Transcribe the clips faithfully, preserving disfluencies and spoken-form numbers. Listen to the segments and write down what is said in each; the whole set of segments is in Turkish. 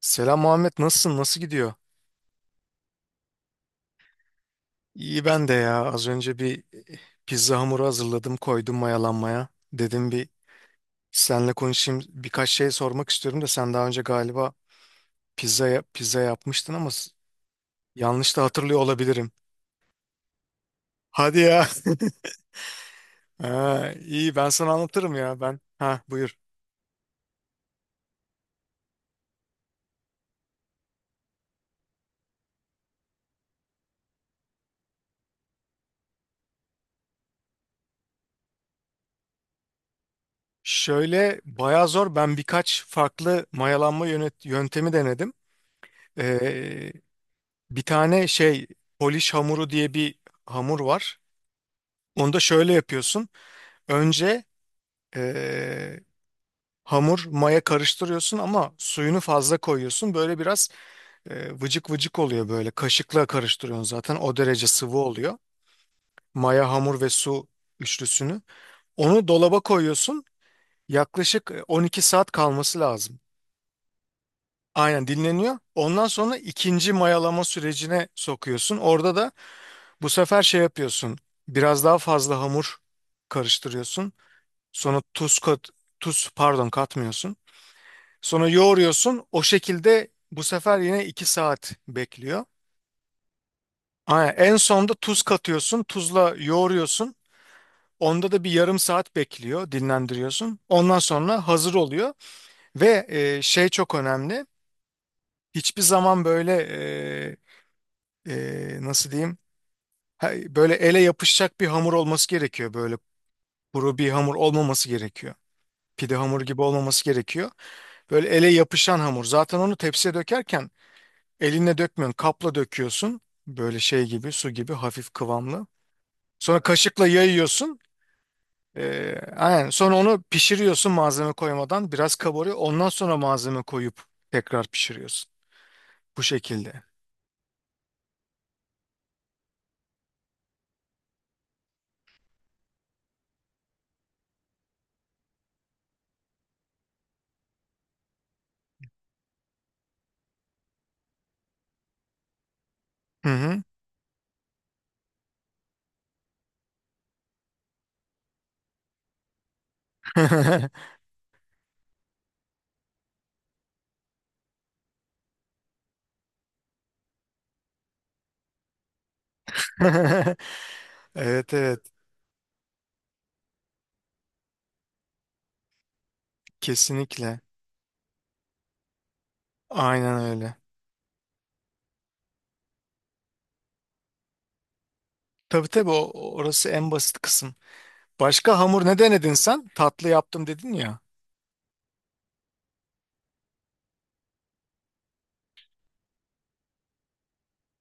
Selam Muhammed, nasılsın? Nasıl gidiyor? İyi ben de ya. Az önce bir e, pizza hamuru hazırladım, koydum mayalanmaya. Dedim bir seninle konuşayım. Birkaç şey sormak istiyorum da sen daha önce galiba pizza ya- pizza yapmıştın ama s- yanlış da hatırlıyor olabilirim. Hadi ya. Ha, iyi ben sana anlatırım ya ben. Ha buyur. Şöyle bayağı zor. Ben birkaç farklı mayalanma yönet- yöntemi denedim. Ee, bir tane şey Polish hamuru diye bir hamur var. Onu da şöyle yapıyorsun. Önce eee, hamur maya karıştırıyorsun ama suyunu fazla koyuyorsun. Böyle biraz eee, vıcık vıcık oluyor böyle. Kaşıkla karıştırıyorsun zaten. O derece sıvı oluyor. Maya, hamur ve su üçlüsünü. Onu dolaba koyuyorsun. Yaklaşık e, on iki saat kalması lazım. Aynen dinleniyor. Ondan sonra ikinci mayalama sürecine sokuyorsun. Orada da bu sefer şey yapıyorsun. Biraz daha fazla hamur karıştırıyorsun. Sonra tuz kat, tuz pardon katmıyorsun. Sonra yoğuruyorsun. O şekilde bu sefer yine iki saat bekliyor. Aynen. En sonda tuz katıyorsun. Tuzla yoğuruyorsun. Onda da bir yarım saat bekliyor, dinlendiriyorsun. Ondan sonra hazır oluyor. Ve e, şey çok önemli. Hiçbir zaman böyle e, e, nasıl diyeyim? Ha- Böyle ele yapışacak bir hamur olması gerekiyor. Böyle kuru bir hamur olmaması gerekiyor. Pide hamuru gibi olmaması gerekiyor. Böyle ele yapışan hamur. Zaten onu tepsiye dökerken elinle dökmüyorsun. Kapla döküyorsun. Böyle şey gibi su gibi hafif kıvamlı. Sonra kaşıkla yayıyorsun. Ee, aynen. Sonra onu pişiriyorsun malzeme koymadan. Biraz kabarıyor. Ondan sonra malzeme koyup tekrar pişiriyorsun. Bu şekilde. Hı hı. Evet evet. Kesinlikle. Aynen öyle. Tabii tabii o, orası en basit kısım. Başka hamur ne denedin sen? Tatlı yaptım dedin ya.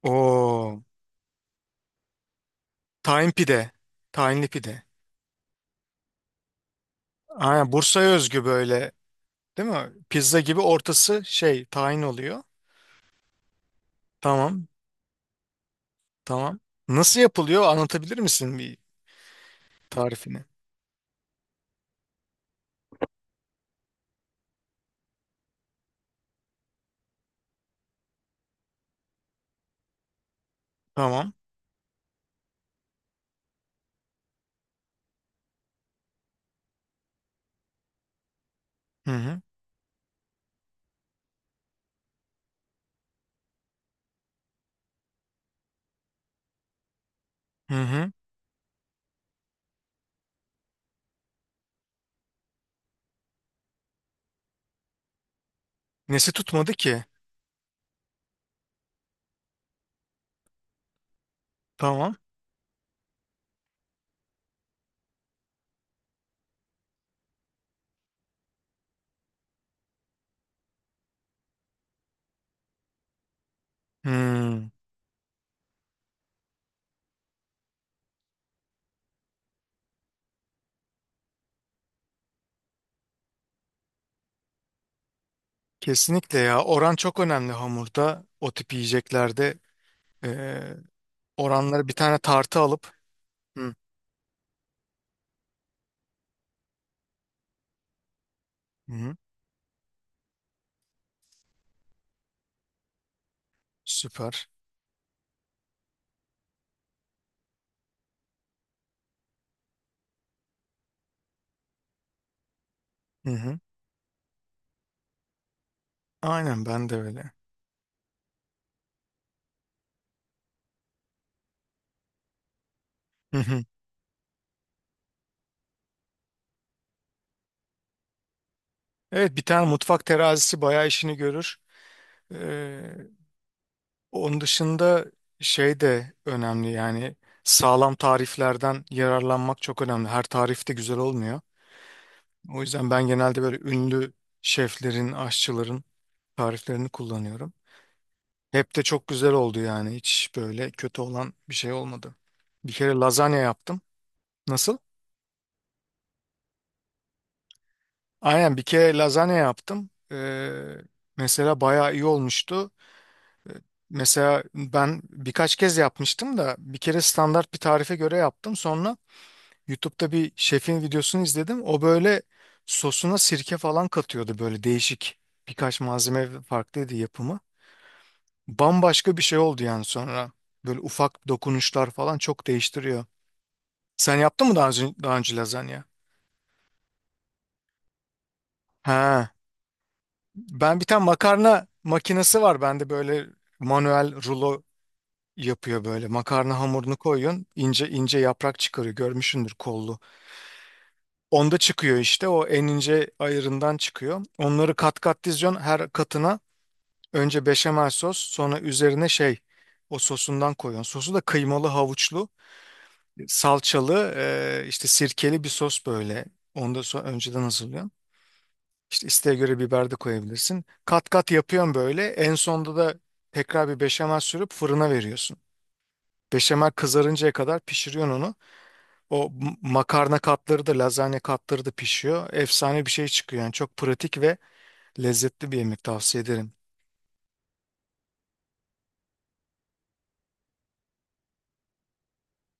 Oo. Tahin pide. Tahinli pide. Aynen Bursa'ya özgü böyle, değil mi? Pizza gibi ortası şey tahin oluyor. Tamam. Tamam. Nasıl yapılıyor anlatabilir misin bir tarifini? Tamam. Hı hı. Hı hı. Nesi tutmadı ki? Tamam. Hmm. Kesinlikle ya. Oran çok önemli hamurda. O tip yiyeceklerde eee oranları bir tane tartı alıp. Hı hı. Süper. Hı hı. Aynen ben de öyle. Hı hı. Evet bir tane mutfak terazisi bayağı işini görür. Ee, onun dışında şey de önemli yani sağlam tariflerden yararlanmak çok önemli. Her tarif de güzel olmuyor. O yüzden ben genelde böyle ünlü şeflerin, aşçıların tariflerini kullanıyorum. Hep de çok güzel oldu yani hiç böyle kötü olan bir şey olmadı. Bir kere lazanya yaptım. Nasıl? Aynen bir kere lazanya yaptım. Ee, mesela bayağı iyi olmuştu. Mesela ben birkaç kez yapmıştım da bir kere standart bir tarife göre yaptım. Sonra YouTube'da bir şefin videosunu izledim. O böyle sosuna sirke falan katıyordu, böyle değişik birkaç malzeme farklıydı yapımı. Bambaşka bir şey oldu yani sonra. Böyle ufak dokunuşlar falan çok değiştiriyor. Sen yaptın mı daha önce, daha önce lazanya? Ha. Ben bir tane makarna makinesi var bende, böyle manuel rulo yapıyor böyle. Makarna hamurunu koyuyorsun. İnce ince yaprak çıkarıyor. Görmüşsündür kollu. Onda çıkıyor işte o en ince ayırından çıkıyor. Onları kat kat diziyorsun her katına. Önce beşamel sos, sonra üzerine şey o sosundan koyuyorsun. Sosu da kıymalı, havuçlu, salçalı e, işte sirkeli bir sos böyle. Onu da sonra önceden hazırlıyorsun. İşte isteğe göre biber de koyabilirsin. Kat kat yapıyorsun böyle. En sonda da tekrar bir beşamel sürüp fırına veriyorsun. Beşamel kızarıncaya kadar pişiriyorsun onu. O m- makarna katları da lazanya katları da pişiyor. Efsane bir şey çıkıyor yani çok pratik ve lezzetli bir yemek, tavsiye ederim.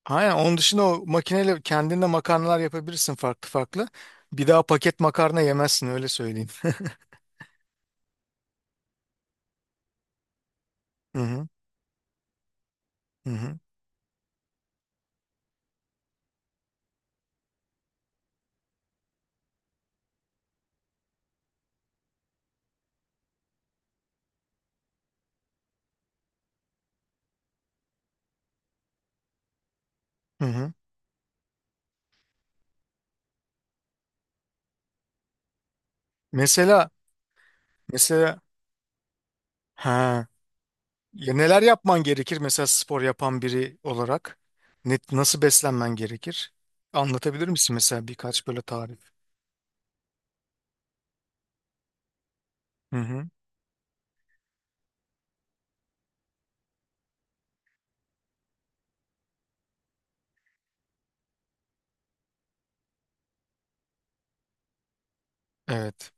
Aynen, onun dışında o makineyle kendinde makarnalar yapabilirsin farklı farklı. Bir daha paket makarna yemezsin, öyle söyleyeyim. Hı hı hı hı. Hı hı. Mesela mesela ha ya neler yapman gerekir mesela spor yapan biri olarak? Ne, nasıl beslenmen gerekir? Anlatabilir misin mesela birkaç böyle tarif? Hı hı. Evet.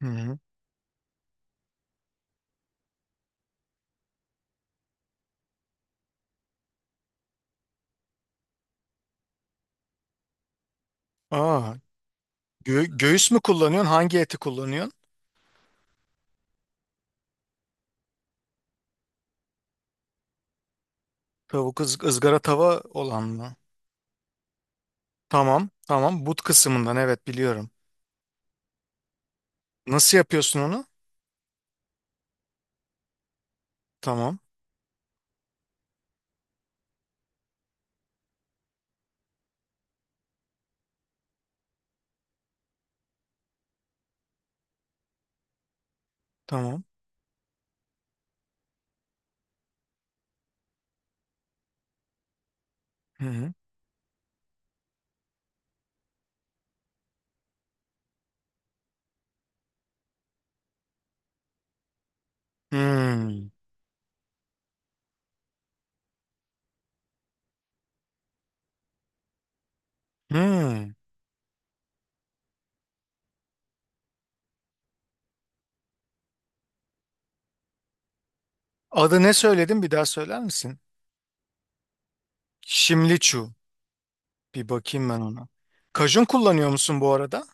Hı hı. Aa, Gö- göğüs mü kullanıyorsun? Hangi eti kullanıyorsun? Tavuk ız- ızgara tava olan mı? Tamam, tamam. But kısmından evet biliyorum. Nasıl yapıyorsun onu? Tamam, tamam. Hı hı. Hmm, hmm. Adı ne söyledin? Bir daha söyler misin? Şimliçu. Bir bakayım ben ona. Kajun kullanıyor musun bu arada?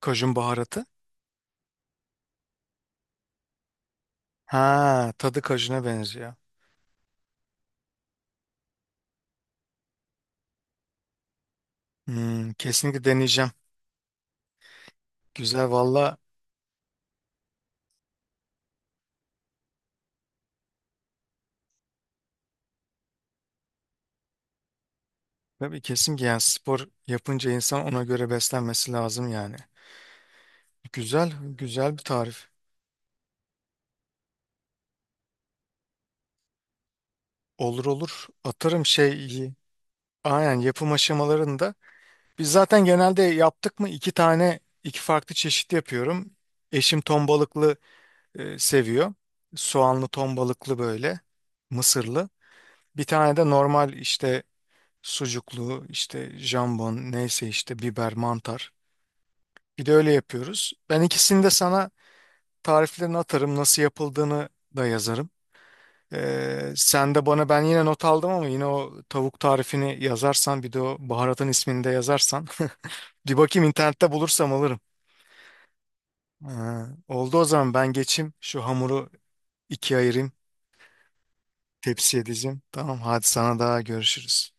Kajun baharatı. Ha, tadı kajuna benziyor. Hmm, kesinlikle deneyeceğim. Güzel valla. Tabii kesin ki yani spor yapınca insan ona göre beslenmesi lazım yani. Güzel, güzel bir tarif. Olur olur. Atarım şey, aynen yapım aşamalarında. Biz zaten genelde yaptık mı iki tane, iki farklı çeşit yapıyorum. Eşim ton balıklı e, seviyor. Soğanlı ton balıklı böyle, mısırlı. Bir tane de normal işte sucuklu, işte jambon, neyse işte biber, mantar. Bir de öyle yapıyoruz. Ben ikisini de sana tariflerini atarım, nasıl yapıldığını da yazarım. Ee, sen de bana, ben yine not aldım ama, yine o tavuk tarifini yazarsan bir de o baharatın ismini de yazarsan. Bir bakayım internette, bulursam alırım. Ha, oldu o zaman ben geçeyim şu hamuru ikiye ayırayım, tepsiye dizeyim. Tamam hadi, sana daha görüşürüz.